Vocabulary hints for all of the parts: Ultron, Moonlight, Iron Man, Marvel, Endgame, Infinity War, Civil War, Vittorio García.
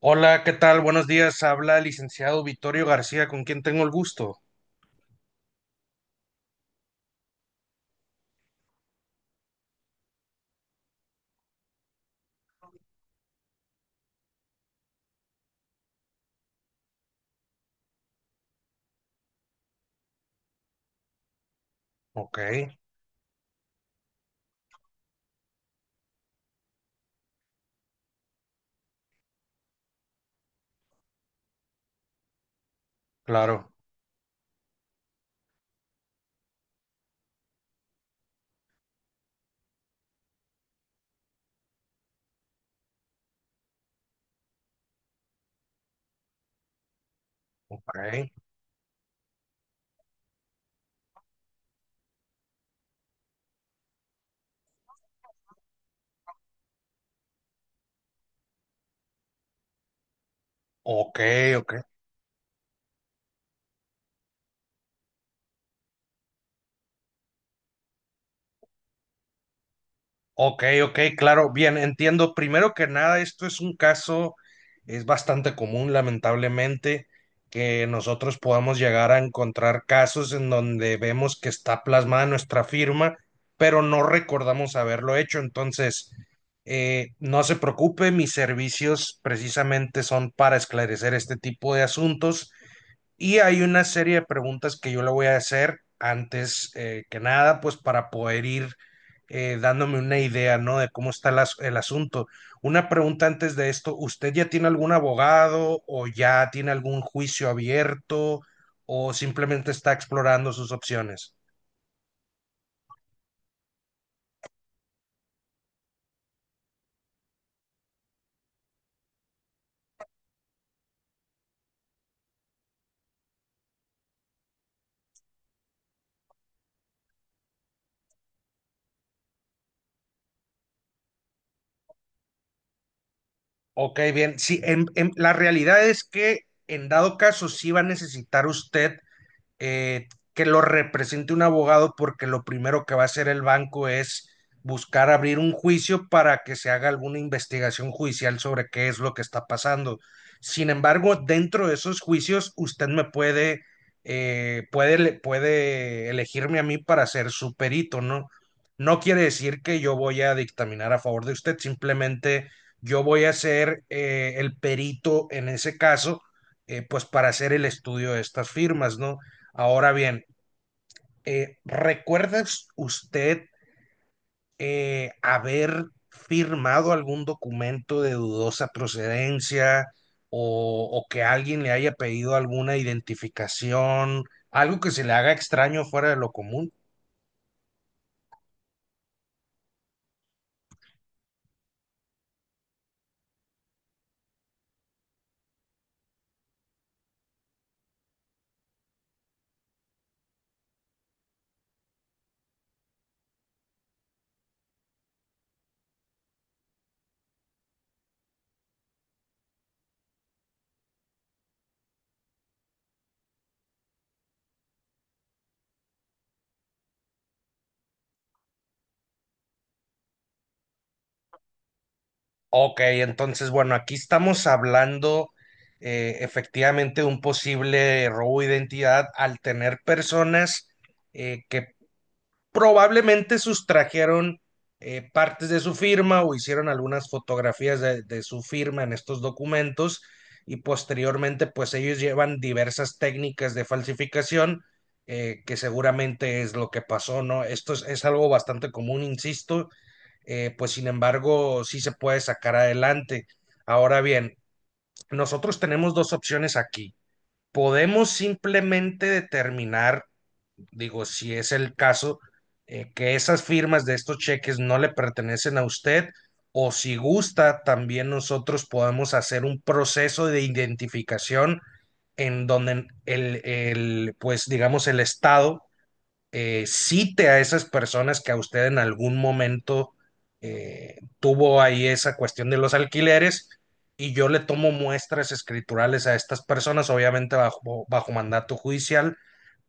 Hola, ¿qué tal? Buenos días. Habla el licenciado Vittorio García, con quien tengo el gusto. Ok, claro, ok, ok, ok. Ok, ok, claro, bien, entiendo. Primero que nada, esto es un caso, es bastante común, lamentablemente, que nosotros podamos llegar a encontrar casos en donde vemos que está plasmada nuestra firma, pero no recordamos haberlo hecho. Entonces, no se preocupe, mis servicios precisamente son para esclarecer este tipo de asuntos y hay una serie de preguntas que yo le voy a hacer antes que nada, pues para poder ir dándome una idea, ¿no? De cómo está el asunto. Una pregunta antes de esto, ¿usted ya tiene algún abogado o ya tiene algún juicio abierto o simplemente está explorando sus opciones? Ok, bien. Sí, la realidad es que en dado caso sí va a necesitar usted eh, que lo represente un abogado porque lo primero que va a hacer el banco es buscar abrir un juicio para que se haga alguna investigación judicial sobre qué es lo que está pasando. Sin embargo, dentro de esos juicios, usted me puede, puede elegirme a mí para ser su perito, ¿no? No quiere decir que yo voy a dictaminar a favor de usted, simplemente yo voy a ser el perito en ese caso, pues para hacer el estudio de estas firmas, ¿no? Ahora bien, ¿recuerdas usted haber firmado algún documento de dudosa procedencia o que alguien le haya pedido alguna identificación, algo que se le haga extraño fuera de lo común? Ok, entonces, bueno, aquí estamos hablando efectivamente de un posible robo de identidad al tener personas que probablemente sustrajeron partes de su firma o hicieron algunas fotografías de su firma en estos documentos y posteriormente pues ellos llevan diversas técnicas de falsificación que seguramente es lo que pasó, ¿no? Esto es algo bastante común, insisto, pues sin embargo sí se puede sacar adelante. Ahora bien, nosotros tenemos dos opciones aquí. Podemos simplemente determinar digo, si es el caso, que esas firmas de estos cheques no le pertenecen a usted o si gusta, también nosotros podemos hacer un proceso de identificación en donde el, pues digamos, el Estado cite a esas personas que a usted en algún momento tuvo ahí esa cuestión de los alquileres y yo le tomo muestras escriturales a estas personas, obviamente bajo mandato judicial,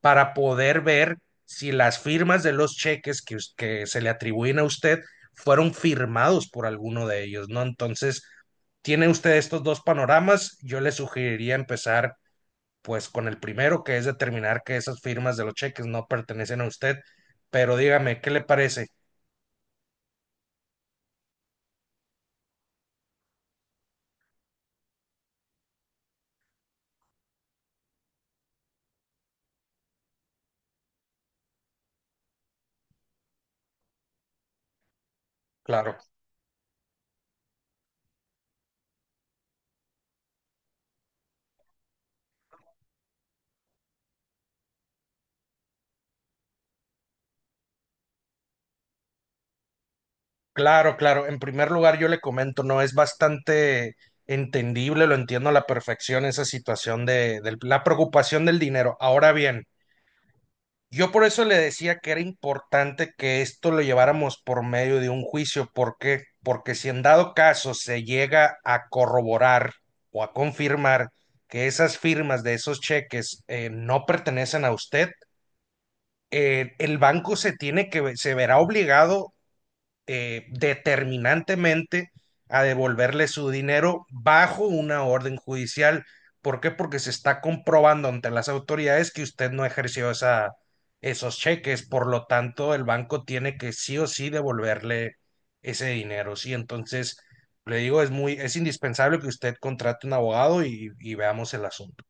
para poder ver si las firmas de los cheques que se le atribuyen a usted fueron firmados por alguno de ellos, ¿no? Entonces, tiene usted estos dos panoramas, yo le sugeriría empezar pues con el primero, que es determinar que esas firmas de los cheques no pertenecen a usted, pero dígame, ¿qué le parece? Claro, claro, claro. En primer lugar, yo le comento, no es bastante entendible, lo entiendo a la perfección esa situación de la preocupación del dinero. Ahora bien, yo por eso le decía que era importante que esto lo lleváramos por medio de un juicio. ¿Por qué? Porque si en dado caso se llega a corroborar o a confirmar que esas firmas de esos cheques no pertenecen a usted, el banco se tiene que, se verá obligado determinantemente a devolverle su dinero bajo una orden judicial. ¿Por qué? Porque se está comprobando ante las autoridades que usted no ejerció esa, esos cheques, por lo tanto el banco tiene que sí o sí devolverle ese dinero, ¿sí? Entonces, le digo, es muy, es indispensable que usted contrate un abogado y veamos el asunto.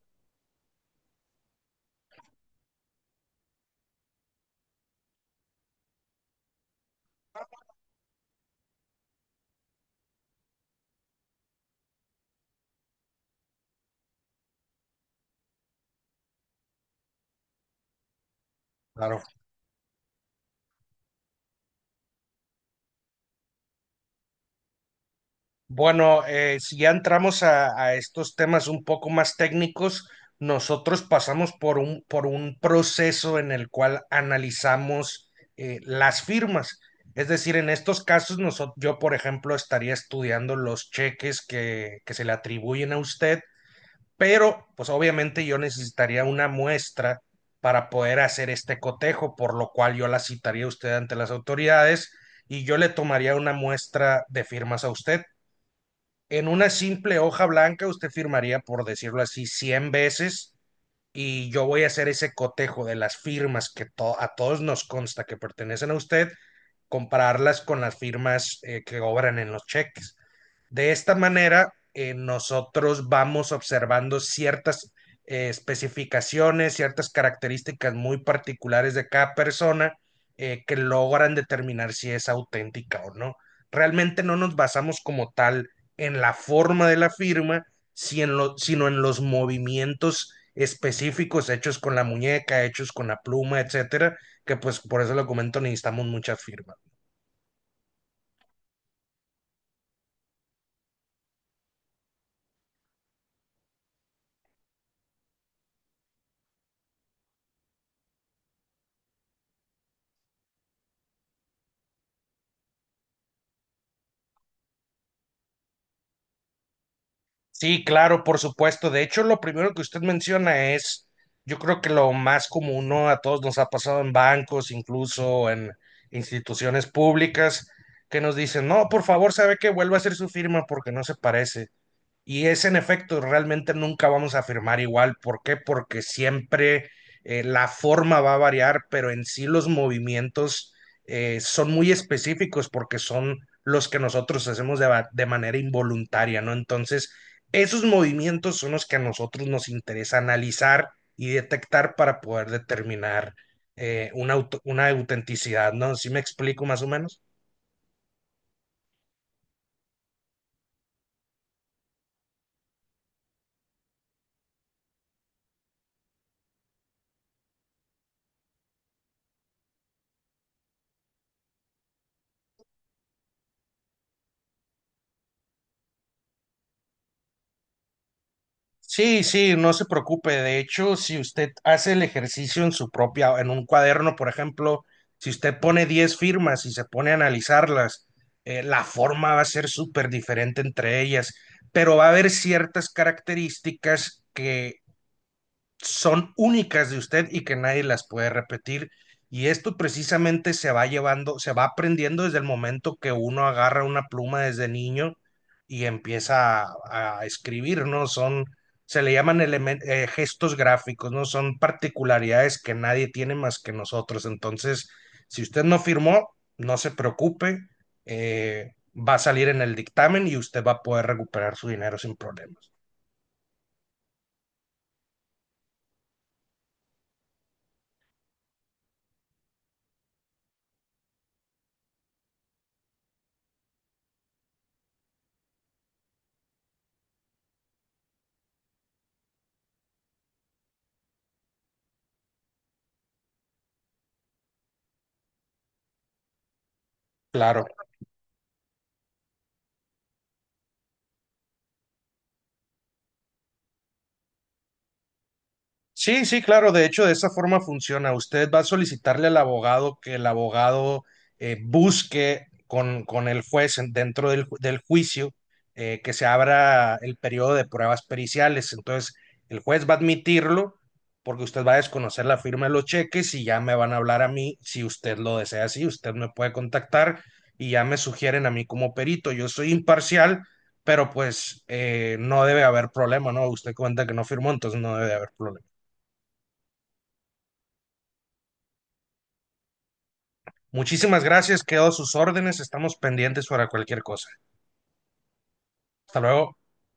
Claro. Bueno, si ya entramos a estos temas un poco más técnicos, nosotros pasamos por por un proceso en el cual analizamos las firmas. Es decir, en estos casos, yo, por ejemplo, estaría estudiando los cheques que se le atribuyen a usted, pero pues obviamente yo necesitaría una muestra para poder hacer este cotejo, por lo cual yo la citaría a usted ante las autoridades y yo le tomaría una muestra de firmas a usted en una simple hoja blanca usted firmaría, por decirlo así, 100 veces y yo voy a hacer ese cotejo de las firmas a todos nos consta que pertenecen a usted, compararlas con las firmas que obran en los cheques. De esta manera, nosotros vamos observando ciertas especificaciones, ciertas características muy particulares de cada persona que logran determinar si es auténtica o no. Realmente no nos basamos como tal en la forma de la firma, si sino en los movimientos específicos hechos con la muñeca, hechos con la pluma, etcétera, que pues por eso lo comento, necesitamos muchas firmas. Sí, claro, por supuesto. De hecho, lo primero que usted menciona es, yo creo que lo más común, ¿no? A todos nos ha pasado en bancos, incluso en instituciones públicas, que nos dicen, no, por favor, sabe que vuelva a hacer su firma porque no se parece. Y es en efecto, realmente nunca vamos a firmar igual. ¿Por qué? Porque siempre la forma va a variar, pero en sí los movimientos son muy específicos porque son los que nosotros hacemos de manera involuntaria, ¿no? Entonces, esos movimientos son los que a nosotros nos interesa analizar y detectar para poder determinar una autenticidad, ¿no? ¿Sí me explico más o menos? Sí, sí, no se preocupe. De hecho, si usted hace el ejercicio en su propia, en un cuaderno, por ejemplo, si usted pone 10 firmas y se pone a analizarlas, la forma va a ser súper diferente entre ellas, pero va a haber ciertas características que son únicas de usted y que nadie las puede repetir. Y esto precisamente se va llevando, se va aprendiendo desde el momento que uno agarra una pluma desde niño y empieza a escribir, ¿no? Son, se le llaman gestos gráficos, ¿no? Son particularidades que nadie tiene más que nosotros. Entonces, si usted no firmó, no se preocupe, va a salir en el dictamen y usted va a poder recuperar su dinero sin problemas. Claro. Sí, sí, claro. De hecho, de esa forma funciona. Usted va a solicitarle al abogado que el abogado busque con el juez dentro del, del juicio que se abra el periodo de pruebas periciales. Entonces, el juez va a admitirlo porque usted va a desconocer la firma de los cheques y ya me van a hablar a mí si usted lo desea así. Usted me puede contactar y ya me sugieren a mí como perito. Yo soy imparcial. Pero pues no debe haber problema, ¿no? Usted cuenta que no firmó, entonces no debe haber problema. Muchísimas gracias, quedo a sus órdenes, estamos pendientes para cualquier cosa. Hasta luego.